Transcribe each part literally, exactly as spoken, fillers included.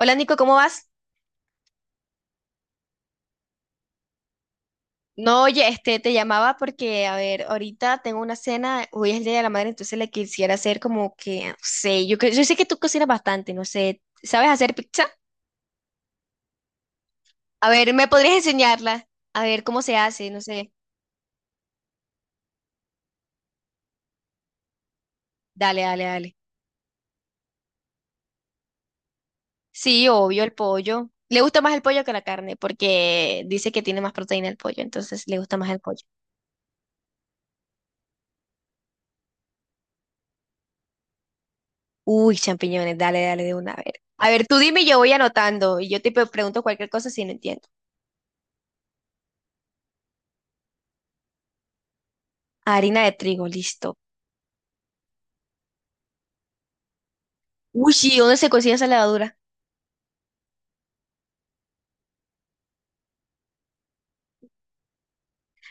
Hola Nico, ¿cómo vas? No, oye, este, te llamaba porque, a ver, ahorita tengo una cena, hoy es el Día de la Madre, entonces le quisiera hacer como que, no sé, yo, cre- yo sé que tú cocinas bastante, no sé, ¿sabes hacer pizza? A ver, ¿me podrías enseñarla? A ver, ¿cómo se hace? No sé, dale, dale, dale. Sí, obvio, el pollo. Le gusta más el pollo que la carne, porque dice que tiene más proteína el pollo, entonces le gusta más el pollo. Uy, champiñones, dale, dale de una, a ver. A ver, tú dime y yo voy anotando, y yo te pre- pregunto cualquier cosa si no entiendo. Harina de trigo, listo. Uy, sí, ¿dónde se consigue esa levadura?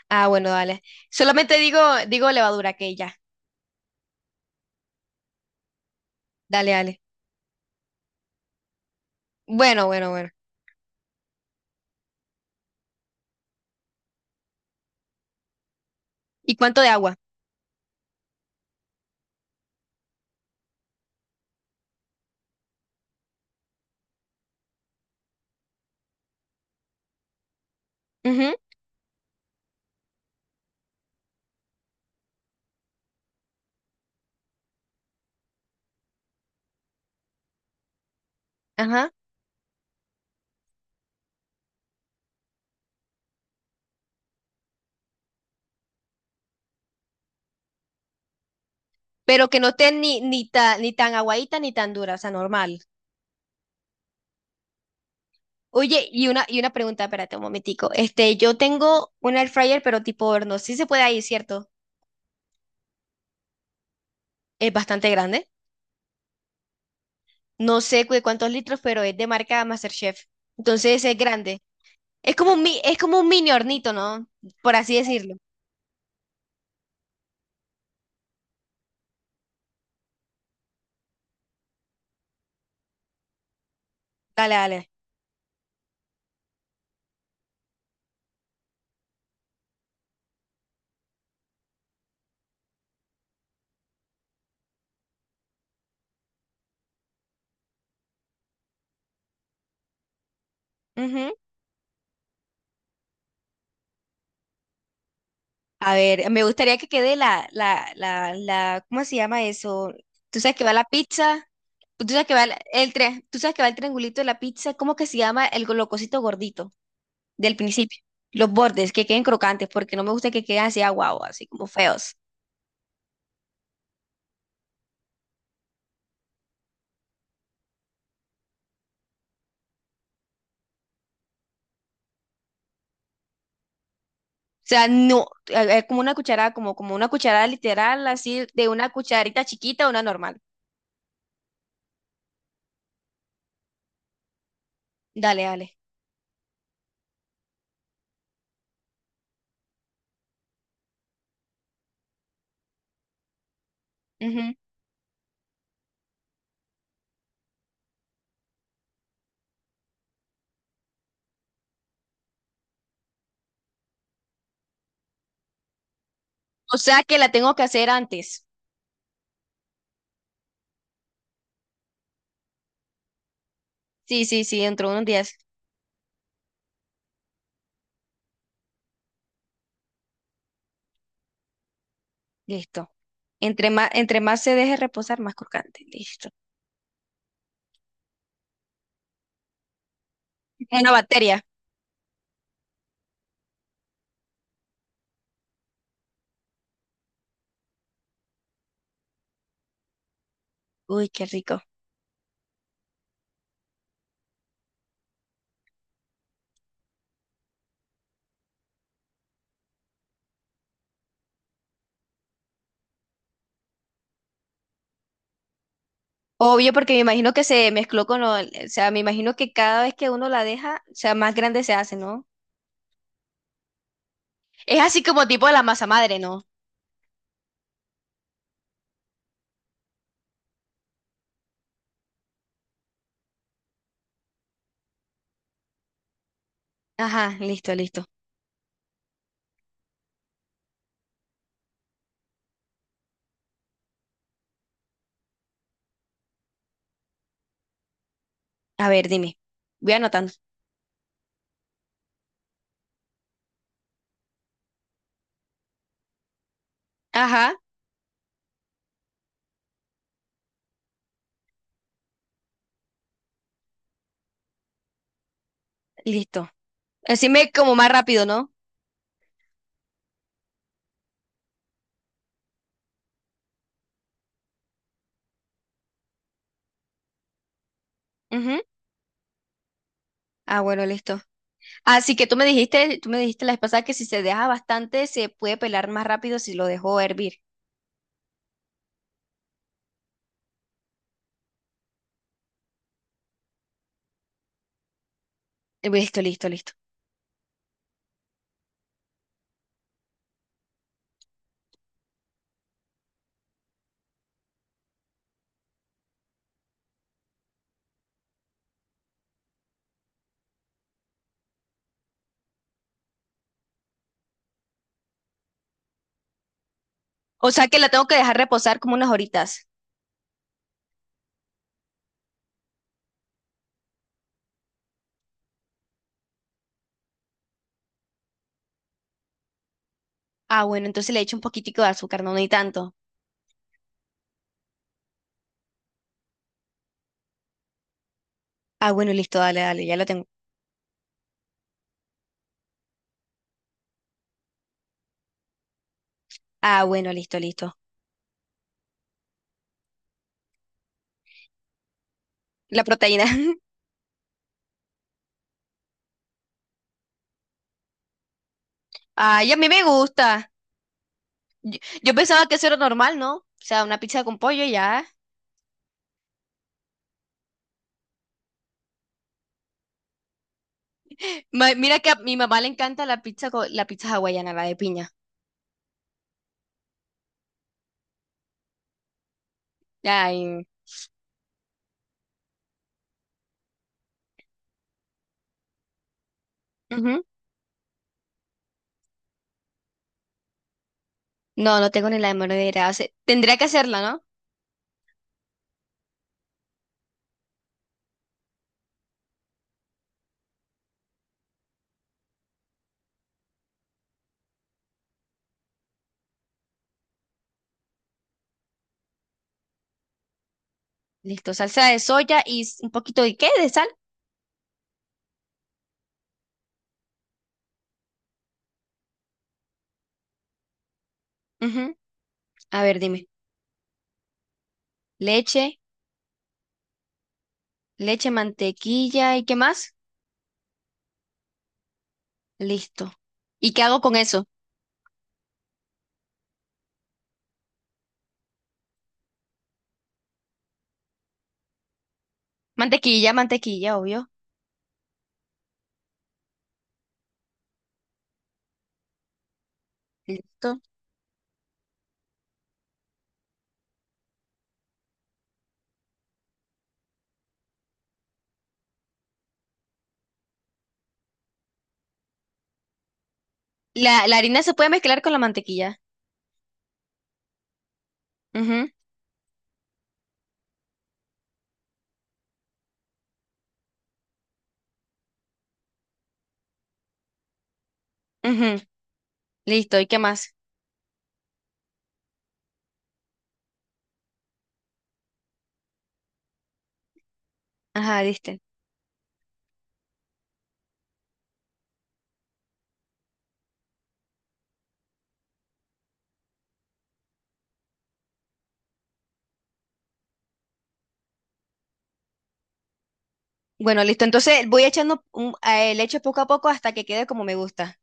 Ah, bueno, dale. Solamente digo, digo levadura, que ya. Dale, dale. Bueno, bueno, bueno. ¿Y cuánto de agua? Ujú, ajá. Pero que no esté ni, ni tan, ni tan aguadita ni tan dura, o sea, normal. Oye, y una, y una pregunta, espérate un momentico. Este, yo tengo un air fryer, pero tipo horno. Sí se puede ahí, ¿cierto? Es bastante grande. No sé cu- de cuántos litros, pero es de marca MasterChef. Entonces es grande. Es como un, mi- es como un mini hornito, ¿no? Por así decirlo. Dale, dale. Ujú. A ver, me gustaría que quede la, la, la, la, ¿cómo se llama eso? Tú sabes que va la pizza, tú sabes que va la- el, tren, tú sabes que va el triangulito de la pizza, ¿cómo que se llama el go- lo cosito gordito del principio? Los bordes, que queden crocantes, porque no me gusta que queden así aguados, así como feos. O sea, no, es como una cucharada, como, como una cucharada literal, así de una cucharita chiquita a una normal. Dale, dale. Ujú. O sea que la tengo que hacer antes. Sí, sí, sí, dentro de unos días. Listo. Entre más, entre más se deje reposar, más crocante. Listo. Una bacteria. Uy, qué rico. Obvio, porque me imagino que se mezcló con lo, o sea, me imagino que cada vez que uno la deja, o sea, más grande se hace, ¿no? Es así como tipo de la masa madre, ¿no? Ajá, listo, listo. A ver, dime. Voy anotando. Ajá, listo. Así me como más rápido, ¿no? Ujú. Ah, bueno, listo. Así que tú me dijiste, tú me dijiste la vez pasada que si se deja bastante, se puede pelar más rápido si lo dejo hervir. Listo, listo, listo. O sea que la tengo que dejar reposar como unas horitas. Ah, bueno, entonces le echo un poquitico de azúcar, no, no hay tanto. Ah, bueno, listo, dale, dale, ya lo tengo. Ah, bueno, listo, listo. La proteína. Ay, a mí me gusta. Yo, yo pensaba que eso era normal, ¿no? O sea, una pizza con pollo y ya. Ma- mira que a mi mamá le encanta la pizza co- la pizza hawaiana, la de piña. Ay. Ujú. No, no tengo ni la menor idea. O sea, tendría que hacerla, ¿no? Listo, salsa de soya y s- un poquito de qué, de sal. Ujú. A ver, dime. Leche. Leche, mantequilla y qué más. Listo. ¿Y qué hago con eso? Mantequilla, mantequilla, obvio. Listo. La, la harina se puede mezclar con la mantequilla. Ujú, ujú. Listo. ¿Y qué más? Ajá, listo. Bueno, listo. Entonces voy echando un- eh, leche poco a poco hasta que quede como me gusta.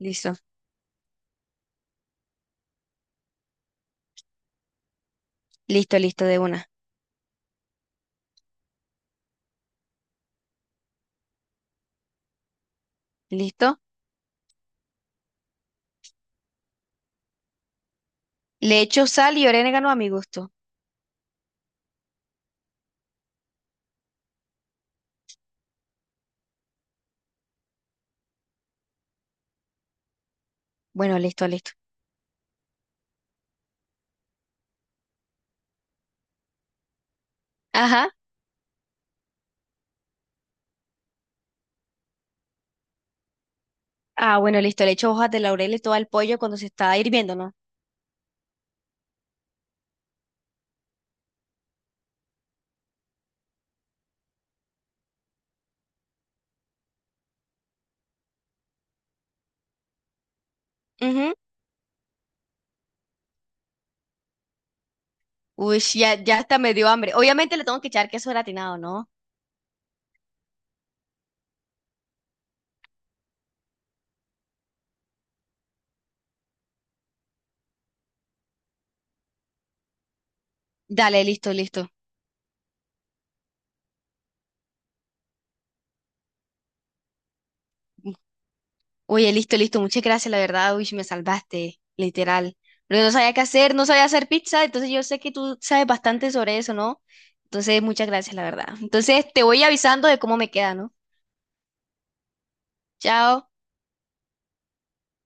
Listo. Listo, listo, de una. Listo. Le echo sal y orégano a mi gusto. Bueno, listo, listo. Ajá. Ah, bueno, listo. Le echo hojas de laurel y todo al pollo cuando se está hirviendo, ¿no? Ujú. Uy, ya, ya hasta me dio hambre. Obviamente le tengo que echar queso gratinado, ¿no? Dale, listo, listo. Oye, listo, listo. Muchas gracias, la verdad. Uy, me salvaste, literal. Porque no sabía qué hacer, no sabía hacer pizza, entonces yo sé que tú sabes bastante sobre eso, ¿no? Entonces, muchas gracias, la verdad. Entonces, te voy avisando de cómo me queda, ¿no? Chao.